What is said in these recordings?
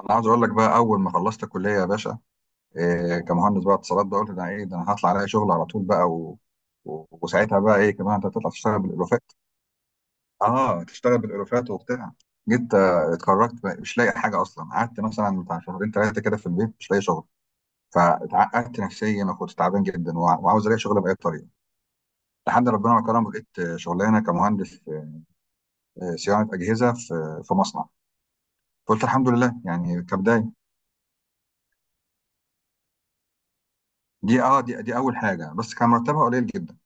انا عاوز اقول لك بقى اول ما خلصت الكليه يا باشا. كمهندس بقى اتصالات بقى قلت ده ايه ده، انا هطلع الاقي شغل على طول بقى، و... و... وساعتها بقى ايه كمان انت هتطلع تشتغل بالالوفات. اه، تشتغل بالالوفات وبتاع. جيت اتخرجت بقى مش لاقي حاجه اصلا، قعدت مثلا بتاع شهرين ثلاثه كده في البيت مش لاقي شغل. فاتعقدت نفسيا وكنت تعبان جدا وعاوز الاقي شغل باي طريقه، لحد ربنا ما كرم لقيت شغلانه كمهندس، صيانه اجهزه في مصنع. قلت الحمد لله يعني كبدايه. دي اول حاجه بس كان مرتبها قليل جدا.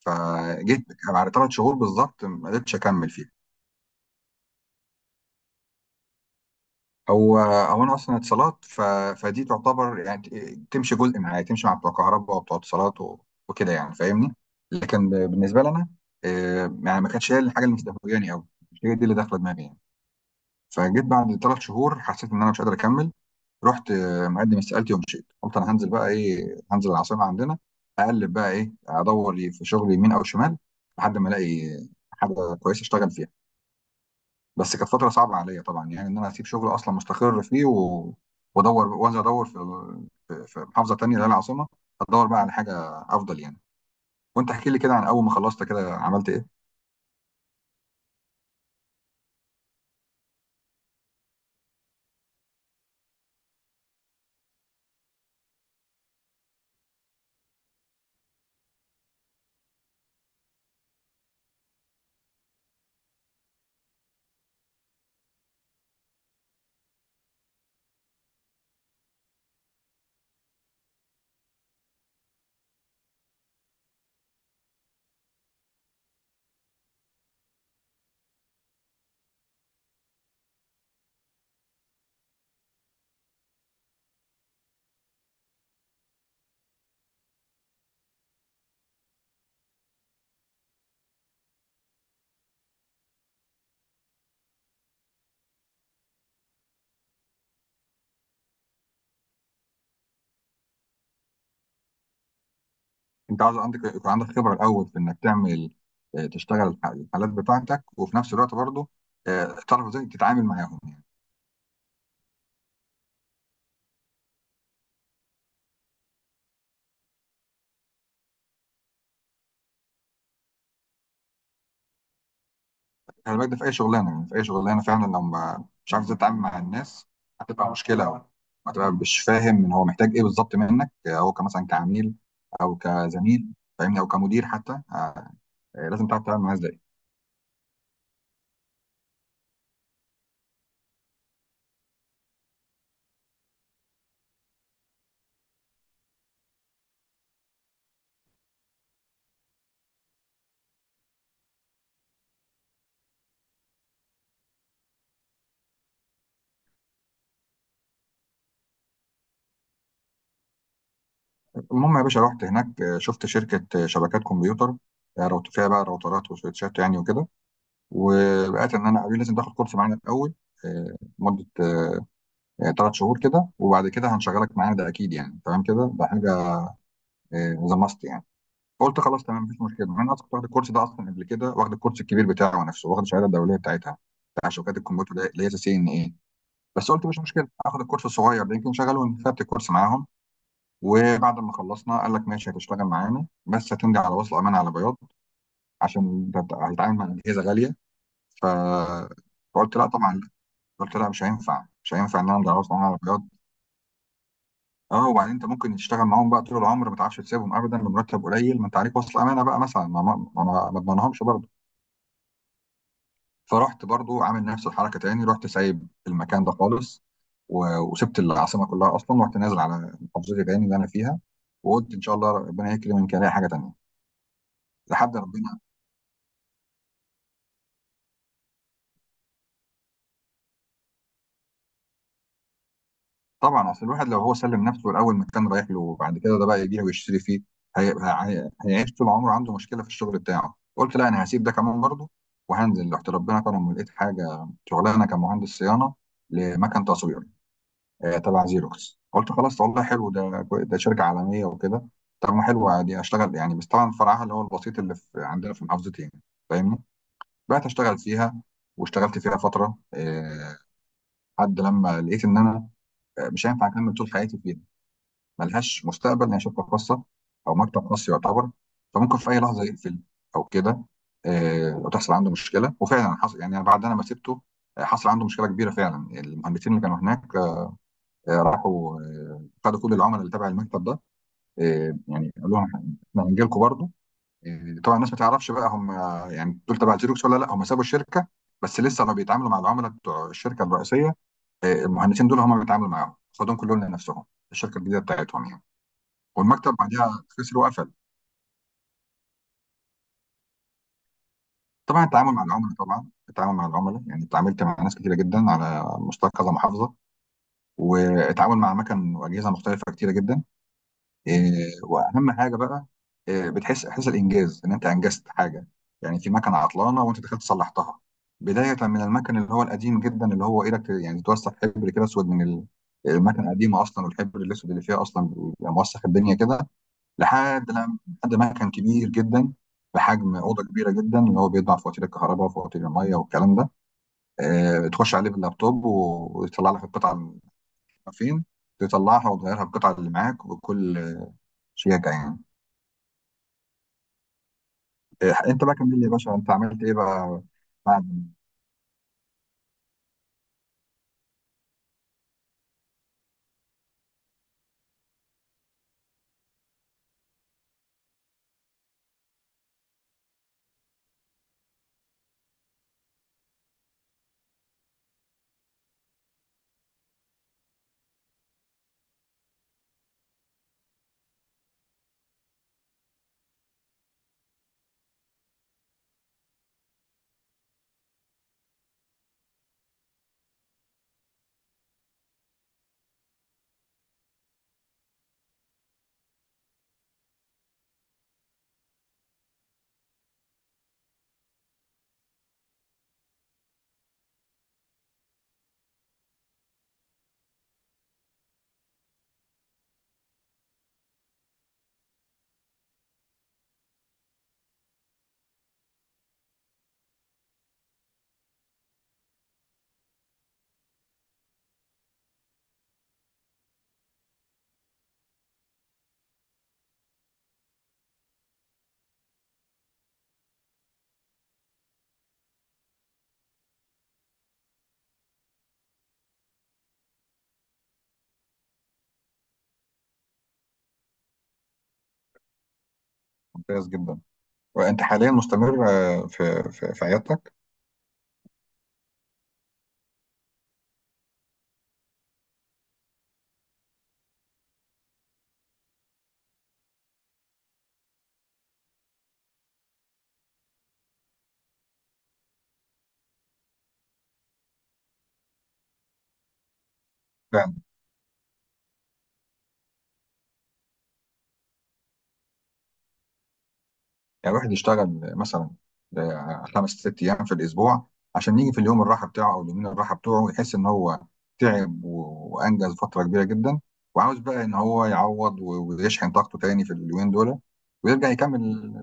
فجيت بعد ثلاث شهور بالظبط ما قدرتش اكمل فيها. هو او انا اصلا اتصالات، فدي تعتبر يعني تمشي جزء من حياتي، تمشي مع بتوع كهرباء وبتوع اتصالات وكده يعني، فاهمني. لكن بالنسبه لي انا، يعني ما كانتش هي الحاجه اللي مستهوياني قوي، مش هي دي اللي داخله دماغي يعني. فجيت بعد ثلاث شهور حسيت ان انا مش قادر اكمل. رحت مقدم استقالتي ومشيت، قلت انا هنزل بقى ايه، هنزل العاصمه عندنا، اقلب بقى ايه، ادور لي في شغلي يمين او شمال، لحد ما الاقي حاجه كويسه اشتغل فيها. بس كانت فتره صعبه عليا طبعا، يعني ان انا اسيب شغل اصلا مستقر فيه وادور، وانزل ادور في في محافظه تانية اللي هي العاصمه، ادور بقى على حاجه افضل يعني. وانت احكي لي كده، عن اول ما خلصت كده عملت ايه. انت عاوز عندك يكون عندك خبره الاول في انك تعمل، تشتغل الحالات بتاعتك، وفي نفس الوقت برضه تعرف ازاي تتعامل معاهم يعني. خلي بالك ده في اي شغلانه، يعني في اي شغلانه فعلا، لو ما مش عارف ازاي تتعامل مع الناس هتبقى مشكله أوي، هتبقى مش فاهم ان هو محتاج ايه بالظبط منك، هو كمثلا كعميل او كزميل، فاهمني، او كمدير حتى. لازم تعرف تتعامل مع الناس ازاي. المهم يا باشا رحت هناك، شفت شركه شبكات كمبيوتر، فيها بقى راوترات وسويتشات يعني وكده. وبقيت ان انا قالوا لي لازم تاخد كورس معانا الاول، مده ثلاث شهور كده، وبعد كده هنشغلك معانا، ده اكيد يعني، تمام كده، ده حاجه ذا ماست يعني. قلت خلاص تمام مفيش مشكله، انا اصلا كنت واخد الكورس ده اصلا قبل كده، واخد الكورس الكبير بتاعه نفسه، واخد الشهاده الدوليه بتاعتها بتاع شبكات الكمبيوتر ده، اللي هي سي ان ايه. بس قلت مش مشكله اخد الكورس الصغير ده يمكن شغله، خدت الكورس معاهم. وبعد ما خلصنا قال لك ماشي هتشتغل معانا بس هتمضي على وصل امانه على بياض، عشان ده هتتعامل مع اجهزه غاليه. ف فقلت لا طبعا لا، قلت لا مش هينفع، مش هينفع ان انا امضي على وصل امانه على بياض. اه، وبعدين انت ممكن تشتغل معاهم بقى طول العمر ما تعرفش تسيبهم ابدا بمرتب قليل، ما انت عليك وصل امانه بقى، مثلا ما اضمنهمش برضه. فرحت برضو عامل نفس الحركه تاني، رحت سايب المكان ده خالص، وسبت العاصمه كلها اصلا، ورحت نازل على محافظتي تاني اللي انا فيها، وقلت ان شاء الله ربنا يكرم، يمكن الاقي حاجه تانيه لحد ربنا. طبعا اصل الواحد لو هو سلم نفسه الاول مكان رايح له، وبعد كده ده بقى يبيع ويشتري فيه، هيعيش طول عمره عنده مشكله في الشغل بتاعه، قلت لا انا هسيب ده كمان برضو وهنزل. رحت ربنا كرم ولقيت حاجه، شغلانه كمهندس صيانه لمكن تصوير، تبع زيروكس. قلت خلاص والله حلو ده، ده شركة عالمية وكده، طب ما حلو عادي اشتغل يعني، بس طبعا فرعها اللي هو البسيط اللي في عندنا في محافظتي يعني، فاهمني. بقيت اشتغل فيها، واشتغلت فيها فترة، لحد لما لقيت ان انا مش هينفع اكمل طول حياتي فيها، ملهاش مستقبل، ان هي شركة خاصة او مكتب خاص يعتبر، فممكن في اي لحظة يقفل او كده. وتحصل عنده مشكلة، وفعلا حصل يعني بعد انا ما سبته حصل عنده مشكلة كبيرة، فعلا المهندسين اللي كانوا هناك راحوا خدوا كل العملاء اللي تبع المكتب ده، يعني قالوا لهم احنا هنجي لكم برضه. طبعا الناس ما تعرفش بقى هم يعني دول تبع زيروكس ولا لا، هم سابوا الشركه بس لسه ما بيتعاملوا مع العملاء بتوع الشركه الرئيسيه. المهندسين دول هم بيتعاملوا معاهم، خدوهم كلهم لنفسهم، الشركه الجديده بتاعتهم يعني. والمكتب بعدها خسر وقفل. طبعا التعامل مع العملاء، طبعا التعامل مع العملاء، يعني اتعاملت مع ناس كتيره جدا على مستوى كذا محافظه، واتعامل مع اماكن واجهزه مختلفه كتيره جدا. آه، واهم حاجه بقى، بتحس احساس الانجاز، ان انت انجزت حاجه، يعني في مكنه عطلانه وانت دخلت صلحتها، بدايه من المكن اللي هو القديم جدا اللي هو ايدك يعني توسخ حبر كده اسود من المكنه القديمه اصلا، والحبر الاسود اللي فيها اصلا بيبقى موسخ الدنيا كده، لحد لما، لحد مكن كبير جدا بحجم اوضه كبيره جدا اللي هو بيطبع فواتير الكهرباء وفواتير الميه والكلام ده. تخش عليه باللابتوب ويطلع لك القطعه اللي فين، تطلعها وتغيرها القطعه اللي معاك وكل شيء يعني. انت بقى كمل لي يا باشا، انت عملت ايه بقى بعد. ممتاز جدا. وانت حاليا مستمر في في عيادتك؟ فعلا، يعني الواحد يشتغل مثلا خمس ست ايام في الاسبوع، عشان يجي في اليوم الراحه بتاعه او اليومين الراحه بتوعه، ويحس ان هو تعب وانجز فتره كبيره جدا، وعاوز بقى ان هو يعوض ويشحن طاقته تاني في اليومين دول، ويرجع يكمل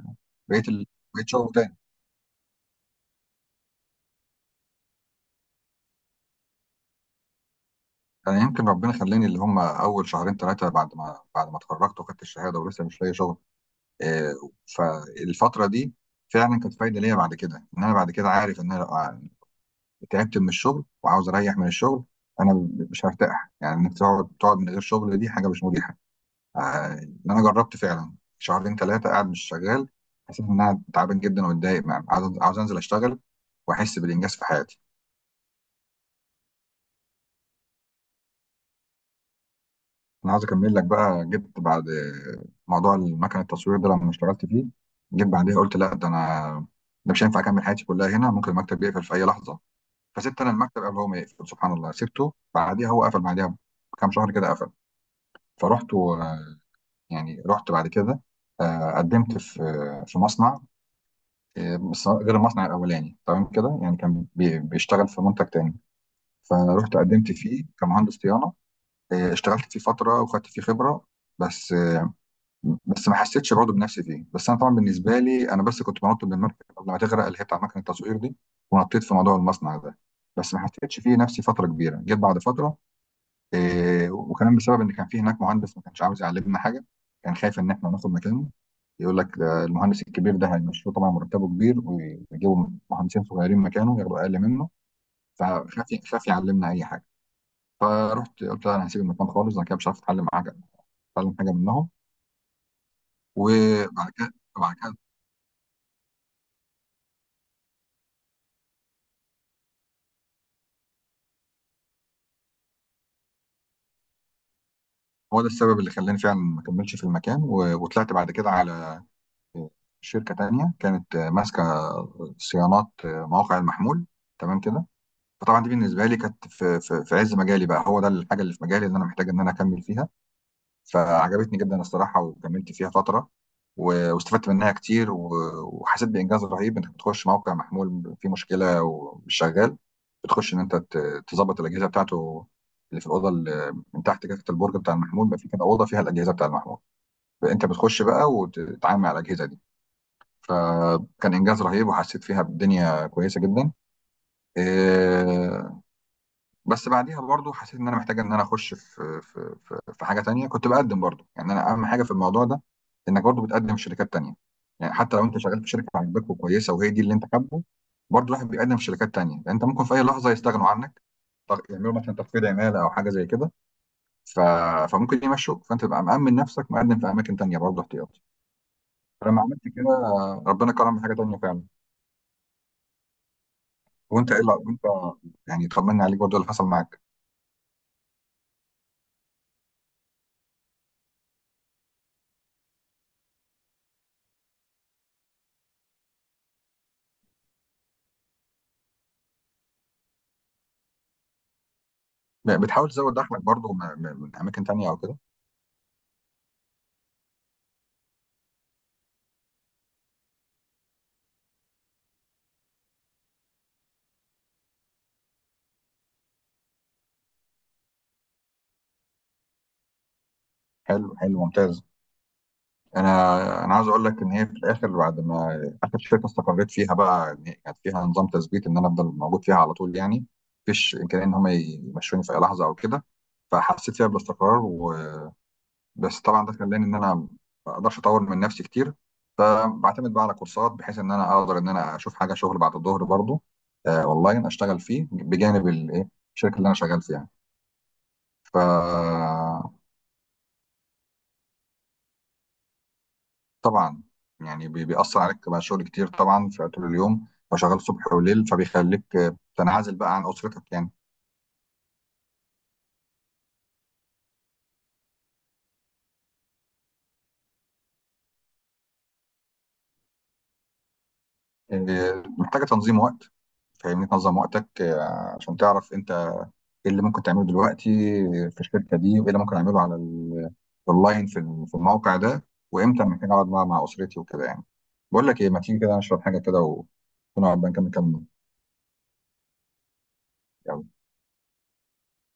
بقيه بقيه شغله تاني. انا يمكن ربنا خلاني، اللي هم اول شهرين ثلاثه بعد ما اتخرجت وخدت الشهاده ولسه مش لاقي شغل، آه، فالفترة دي فعلا كانت فايدة ليا بعد كده، ان انا بعد كده عارف ان انا لو تعبت من الشغل وعاوز اريح من الشغل انا مش هرتاح، يعني انك تقعد، تقعد من غير شغل دي حاجة مش مريحة. ان انا جربت فعلا شهرين ثلاثة قاعد مش شغال، حسيت ان انا تعبان جدا ومتضايق، عاوز انزل اشتغل واحس بالانجاز في حياتي. انا عاوز اكمل لك بقى، جبت بعد موضوع المكن التصوير ده لما اشتغلت فيه، جيت بعديها قلت لا ده انا، ده مش هينفع اكمل حياتي كلها هنا، ممكن المكتب يقفل في اي لحظة. فسبت انا المكتب قبل هو ما يقفل، سبحان الله سبته بعديها هو قفل، بعديها بكام شهر كده قفل. فرحت و- يعني رحت بعد كده قدمت في مصنع، بس غير المصنع الاولاني تمام كده، يعني كان بيشتغل في منتج تاني، فرحت قدمت فيه كمهندس صيانه. اشتغلت فيه فتره وخدت فيه خبره، بس آه، بس ما حسيتش برضه بنفسي فيه، بس انا طبعا بالنسبه لي انا بس كنت بنط من المركب قبل ما تغرق، اللي هي بتاع مكنه التصوير دي، ونطيت في موضوع المصنع ده، بس ما حسيتش فيه نفسي فتره كبيره جيت بعد فتره. وكمان بسبب ان كان في هناك مهندس ما كانش عاوز يعلمنا حاجه، كان خايف ان احنا ناخد مكانه، يقول لك ده المهندس الكبير ده هيمشوه طبعا مرتبه كبير، ويجيبوا مهندسين صغيرين مكانه ياخدوا اقل منه، فخاف، خاف يعلمنا اي حاجه. فرحت قلت له انا هسيب المكان خالص، انا كده مش عارف اتعلم حاجه، اتعلم حاجه منهم. وبعد كده بعد كده هو ده السبب اللي خلاني فعلا ما كملش في المكان، وطلعت بعد كده على شركه تانيه كانت ماسكه صيانات مواقع المحمول تمام كده. فطبعا دي بالنسبه لي كانت في في عز مجالي بقى، هو ده الحاجه اللي في مجالي اللي انا محتاج ان انا اكمل فيها، فعجبتني جدا الصراحه وكملت فيها فتره، واستفدت منها كتير، وحسيت بانجاز رهيب، انك بتخش موقع محمول فيه مشكله ومش شغال، بتخش ان انت تظبط الاجهزه بتاعته، اللي في الاوضه اللي من تحت كده تحت البرج بتاع المحمول، بقى في كده اوضه فيها الاجهزه بتاع المحمول، فانت بتخش بقى وتتعامل مع الاجهزه دي، فكان انجاز رهيب وحسيت فيها بالدنيا كويسه جدا. آه، بس بعديها برضو حسيت ان انا محتاج ان انا اخش في في حاجه تانية، كنت بقدم برضو، يعني انا اهم حاجه في الموضوع ده انك برضو بتقدم في شركات تانية. يعني حتى لو انت شغال في شركه عاجباك وكويسه وهي دي اللي انت حابه، برضو الواحد بيقدم في شركات تانية، لان انت ممكن في اي لحظه يستغنوا عنك، يعملوا مثلا تخفيض عماله او حاجه زي كده، ف... فممكن يمشوك، فانت تبقى مأمن نفسك مقدم في اماكن تانية برضو احتياطي. فلما عملت كده ربنا كرم بحاجه تانية فعلا. وانت ايه لا- وانت يعني طمنا عليك برضو اللي حصل معاك. بتحاول تزود دخلك برضو من اماكن تانية او كده؟ حلو حلو ممتاز. انا انا عايز اقول لك ان هي في الاخر، بعد ما اخر شركه استقريت فيها بقى، إن هي كانت فيها نظام تثبيت، ان انا افضل موجود فيها على طول يعني، مفيش امكانيه ان هم يمشوني في اي لحظه او كده، فحسيت فيها بالاستقرار بس طبعا ده خلاني ان انا ما اقدرش اطور من نفسي كتير، فبعتمد بقى على كورسات بحيث ان انا اقدر ان انا اشوف حاجه، شغل بعد الظهر برضو، آه، اونلاين، اشتغل فيه بجانب الايه، الشركه اللي انا شغال فيها. ف طبعا يعني بيأثر عليك بقى شغل كتير طبعا في طول اليوم، وشغال صبح وليل، فبيخليك تنعزل بقى عن أسرتك يعني. محتاجة تنظيم وقت، فاهمني، تنظم وقتك عشان تعرف انت ايه اللي ممكن تعمله دلوقتي في الشركه دي، وايه اللي ممكن اعمله على اونلاين، في في الموقع ده، وامتى محتاج اقعد مع اسرتي وكده يعني. بقول لك ايه، ما تيجي كده نشرب حاجه كده، ونقعد بقى نكمل كلامنا.